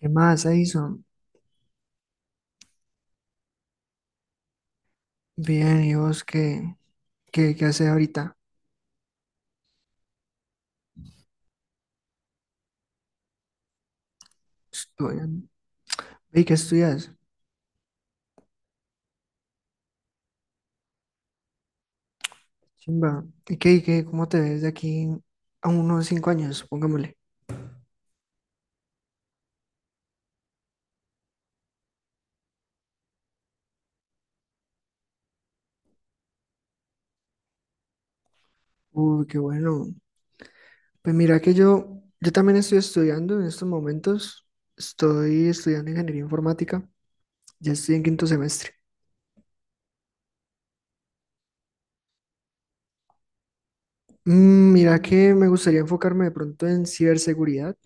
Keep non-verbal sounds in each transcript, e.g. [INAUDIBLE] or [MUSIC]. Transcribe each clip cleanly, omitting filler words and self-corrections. ¿Qué más, Edison? Bien, ¿y vos qué haces ahorita? Estudian. ¿Y qué estudias? Chimba. ¿Y qué, cómo te ves de aquí a unos 5 años, pongámosle? Uy, qué bueno. Pues mira que yo también estoy estudiando en estos momentos. Estoy estudiando ingeniería informática. Ya estoy en quinto semestre. Mira que me gustaría enfocarme de pronto en ciberseguridad.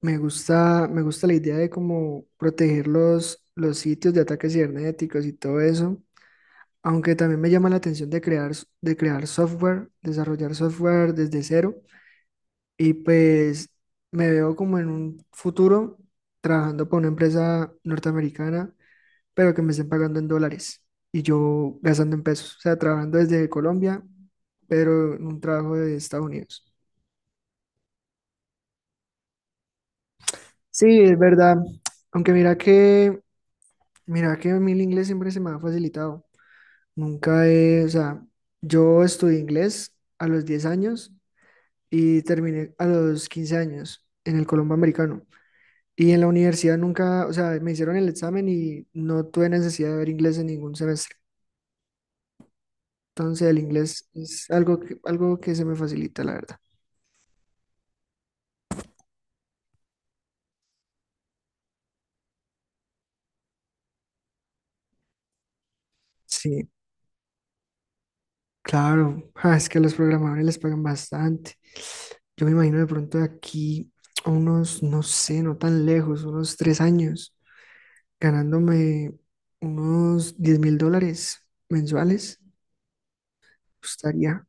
Me gusta la idea de cómo proteger los sitios de ataques cibernéticos y todo eso. Aunque también me llama la atención de crear software, desarrollar software desde cero. Y pues me veo como en un futuro trabajando para una empresa norteamericana, pero que me estén pagando en dólares y yo gastando en pesos. O sea, trabajando desde Colombia, pero en un trabajo de Estados Unidos. Sí, es verdad. Aunque mira que a mí el inglés siempre se me ha facilitado. Nunca he, o sea, yo estudié inglés a los 10 años y terminé a los 15 años en el Colombo Americano. Y en la universidad nunca, o sea, me hicieron el examen y no tuve necesidad de ver inglés en ningún semestre. Entonces el inglés es algo que se me facilita, la verdad. Sí, claro. Ah, es que a los programadores les pagan bastante. Yo me imagino de pronto de aquí a unos, no sé, no tan lejos, unos 3 años, ganándome unos $10.000 mensuales. Gustaría.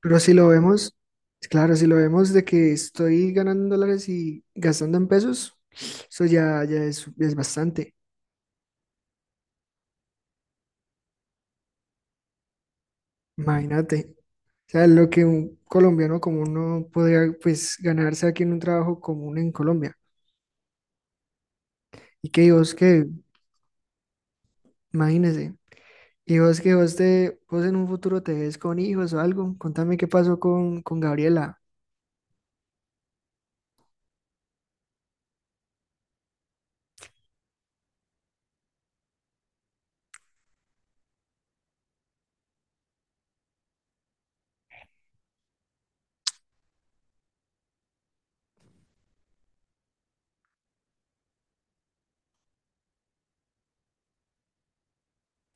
Pero si lo vemos, claro, si lo vemos de que estoy ganando en dólares y gastando en pesos, eso ya es bastante. Imagínate. O sea, lo que un colombiano común no podría pues ganarse aquí en un trabajo común en Colombia. Y que vos que, imagínese, vos en un futuro te ves con hijos o algo. Contame qué pasó con, Gabriela.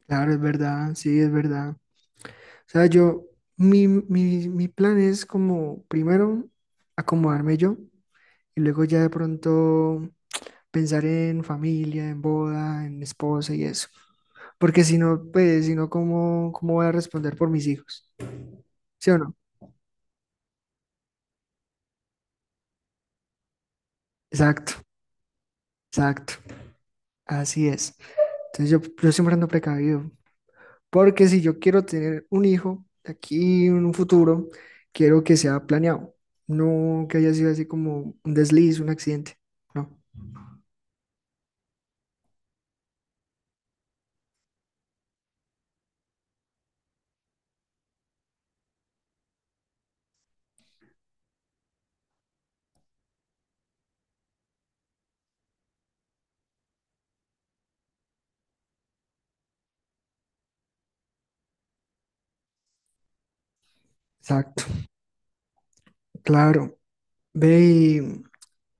Claro, es verdad, sí, es verdad. O sea, yo, mi plan es como primero acomodarme yo. Y luego ya de pronto pensar en familia, en boda, en esposa y eso. Porque si no, pues, si no, ¿cómo voy a responder por mis hijos? ¿Sí o no? Exacto, exacto. Así es. Entonces yo siempre ando precavido. Porque si yo quiero tener un hijo aquí en un futuro, quiero que sea planeado. No que haya sido así como un desliz, un accidente. No. Exacto. Claro. Ve y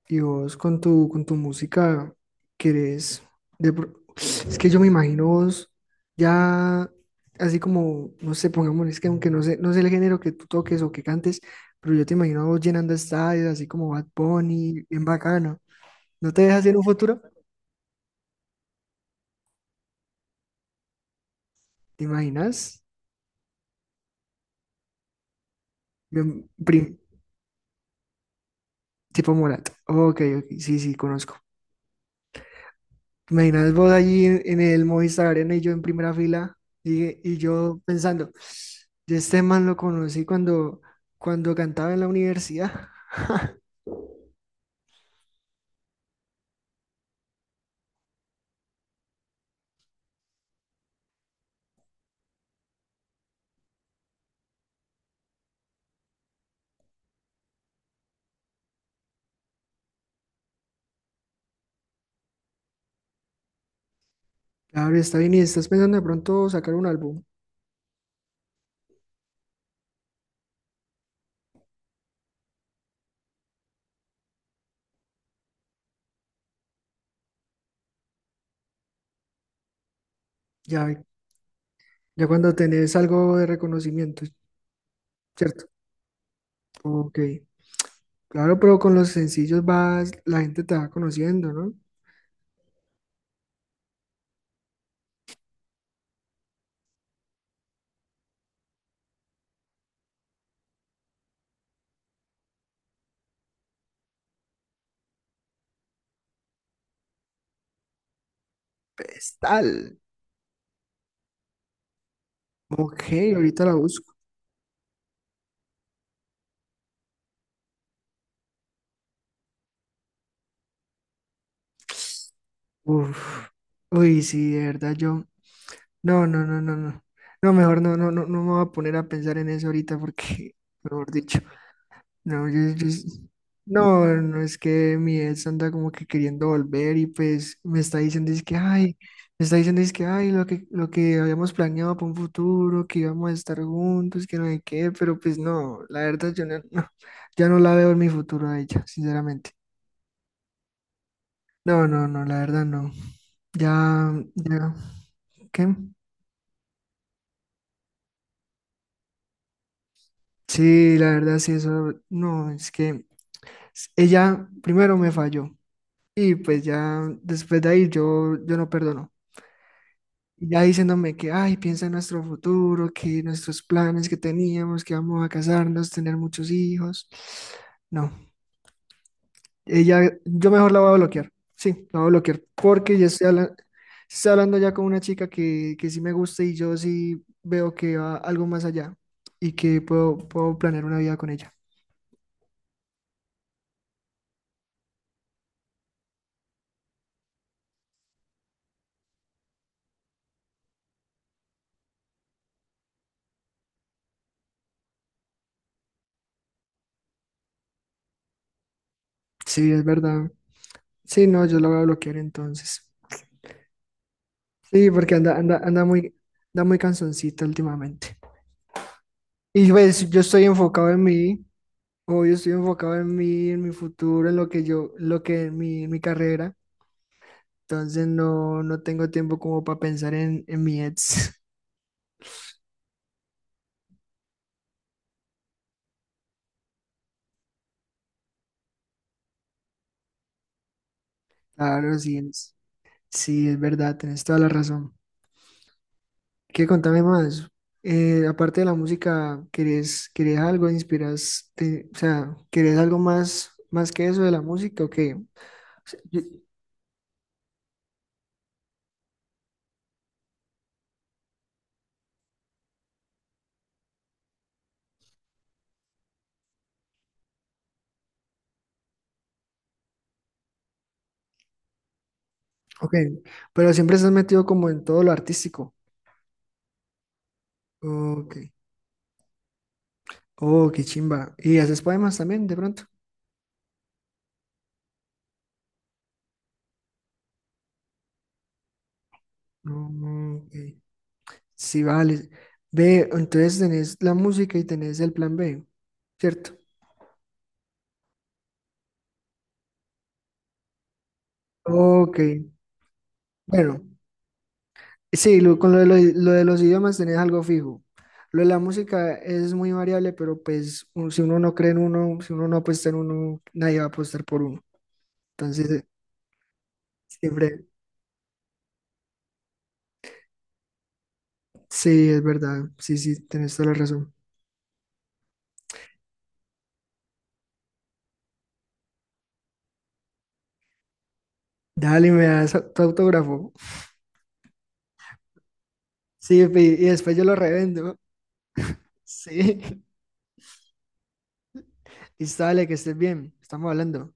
Y vos con con tu música querés. Es que yo me imagino vos ya así como, no sé, pongamos es que aunque no sé el género que tú toques o que cantes, pero yo te imagino a vos llenando estadios, así como Bad Bunny, bien bacano. ¿No te dejas en un futuro? ¿Te imaginas? Bien, tipo Morat. Ok, ok, sí, sí, conozco. Imaginas vos allí en el Movistar Arena y, yo en primera fila y yo pensando, yo este man lo conocí cuando cantaba en la universidad. Claro, está bien y estás pensando de pronto sacar un álbum, ya, ya cuando tenés algo de reconocimiento, ¿cierto? Ok, claro, pero con los sencillos vas, la gente te va conociendo, ¿no? Pues tal, ok, ahorita la busco. Uf, uy, sí, de verdad, no, no, no, no, no. No, mejor no, no, no, no me voy a poner a pensar en eso ahorita porque, [LAUGHS] mejor dicho, no, no, no es que mi ex anda como que queriendo volver y pues me está diciendo es que, ay, lo que habíamos planeado para un futuro, que íbamos a estar juntos, que no hay qué, pero pues no, la verdad yo ya no la veo en mi futuro a ella, sinceramente. No, no, no, la verdad no. Ya, ya, ¿qué? Sí, la verdad, sí, eso, no, es que ella primero me falló y pues ya después de ahí yo no perdono. Y ya diciéndome que, ay, piensa en nuestro futuro, que nuestros planes que teníamos, que vamos a casarnos, tener muchos hijos. No, ella, yo mejor la voy a bloquear, sí, la voy a bloquear porque ya estoy hablando ya con una chica que sí me gusta y yo sí veo que va algo más allá y que puedo planear una vida con ella. Sí, es verdad. Sí, no, yo lo voy a bloquear entonces. Sí, porque anda muy cansoncita últimamente. Y pues yo estoy enfocado en mí, en mi futuro, en lo que yo, lo que mi carrera. Entonces no, no tengo tiempo como para pensar en mi ex. [LAUGHS] Claro, sí, es verdad, tenés toda la razón. ¿Qué contame más? Aparte de la música, ¿querés algo? ¿Inspiras? O sea, ¿querés algo más que eso de la música o qué? Y- Ok, pero siempre estás metido como en todo lo artístico. Ok, oh, qué chimba. ¿Y haces poemas también de pronto? No, no, ok, sí, vale. Ve, entonces tenés la música y tenés el plan B, ¿cierto? Ok, bueno, sí, lo- con lo de los idiomas tenés algo fijo. Lo de la música es muy variable, pero pues si uno no cree en uno, si uno no apuesta en uno, nadie va a apostar por uno. Entonces, siempre, sí, es verdad, sí, sí, tenés toda la razón. Dale, me das tu autógrafo. Sí, y después yo lo revendo. Sí. [LAUGHS] Listo, dale, que estés bien. Estamos hablando.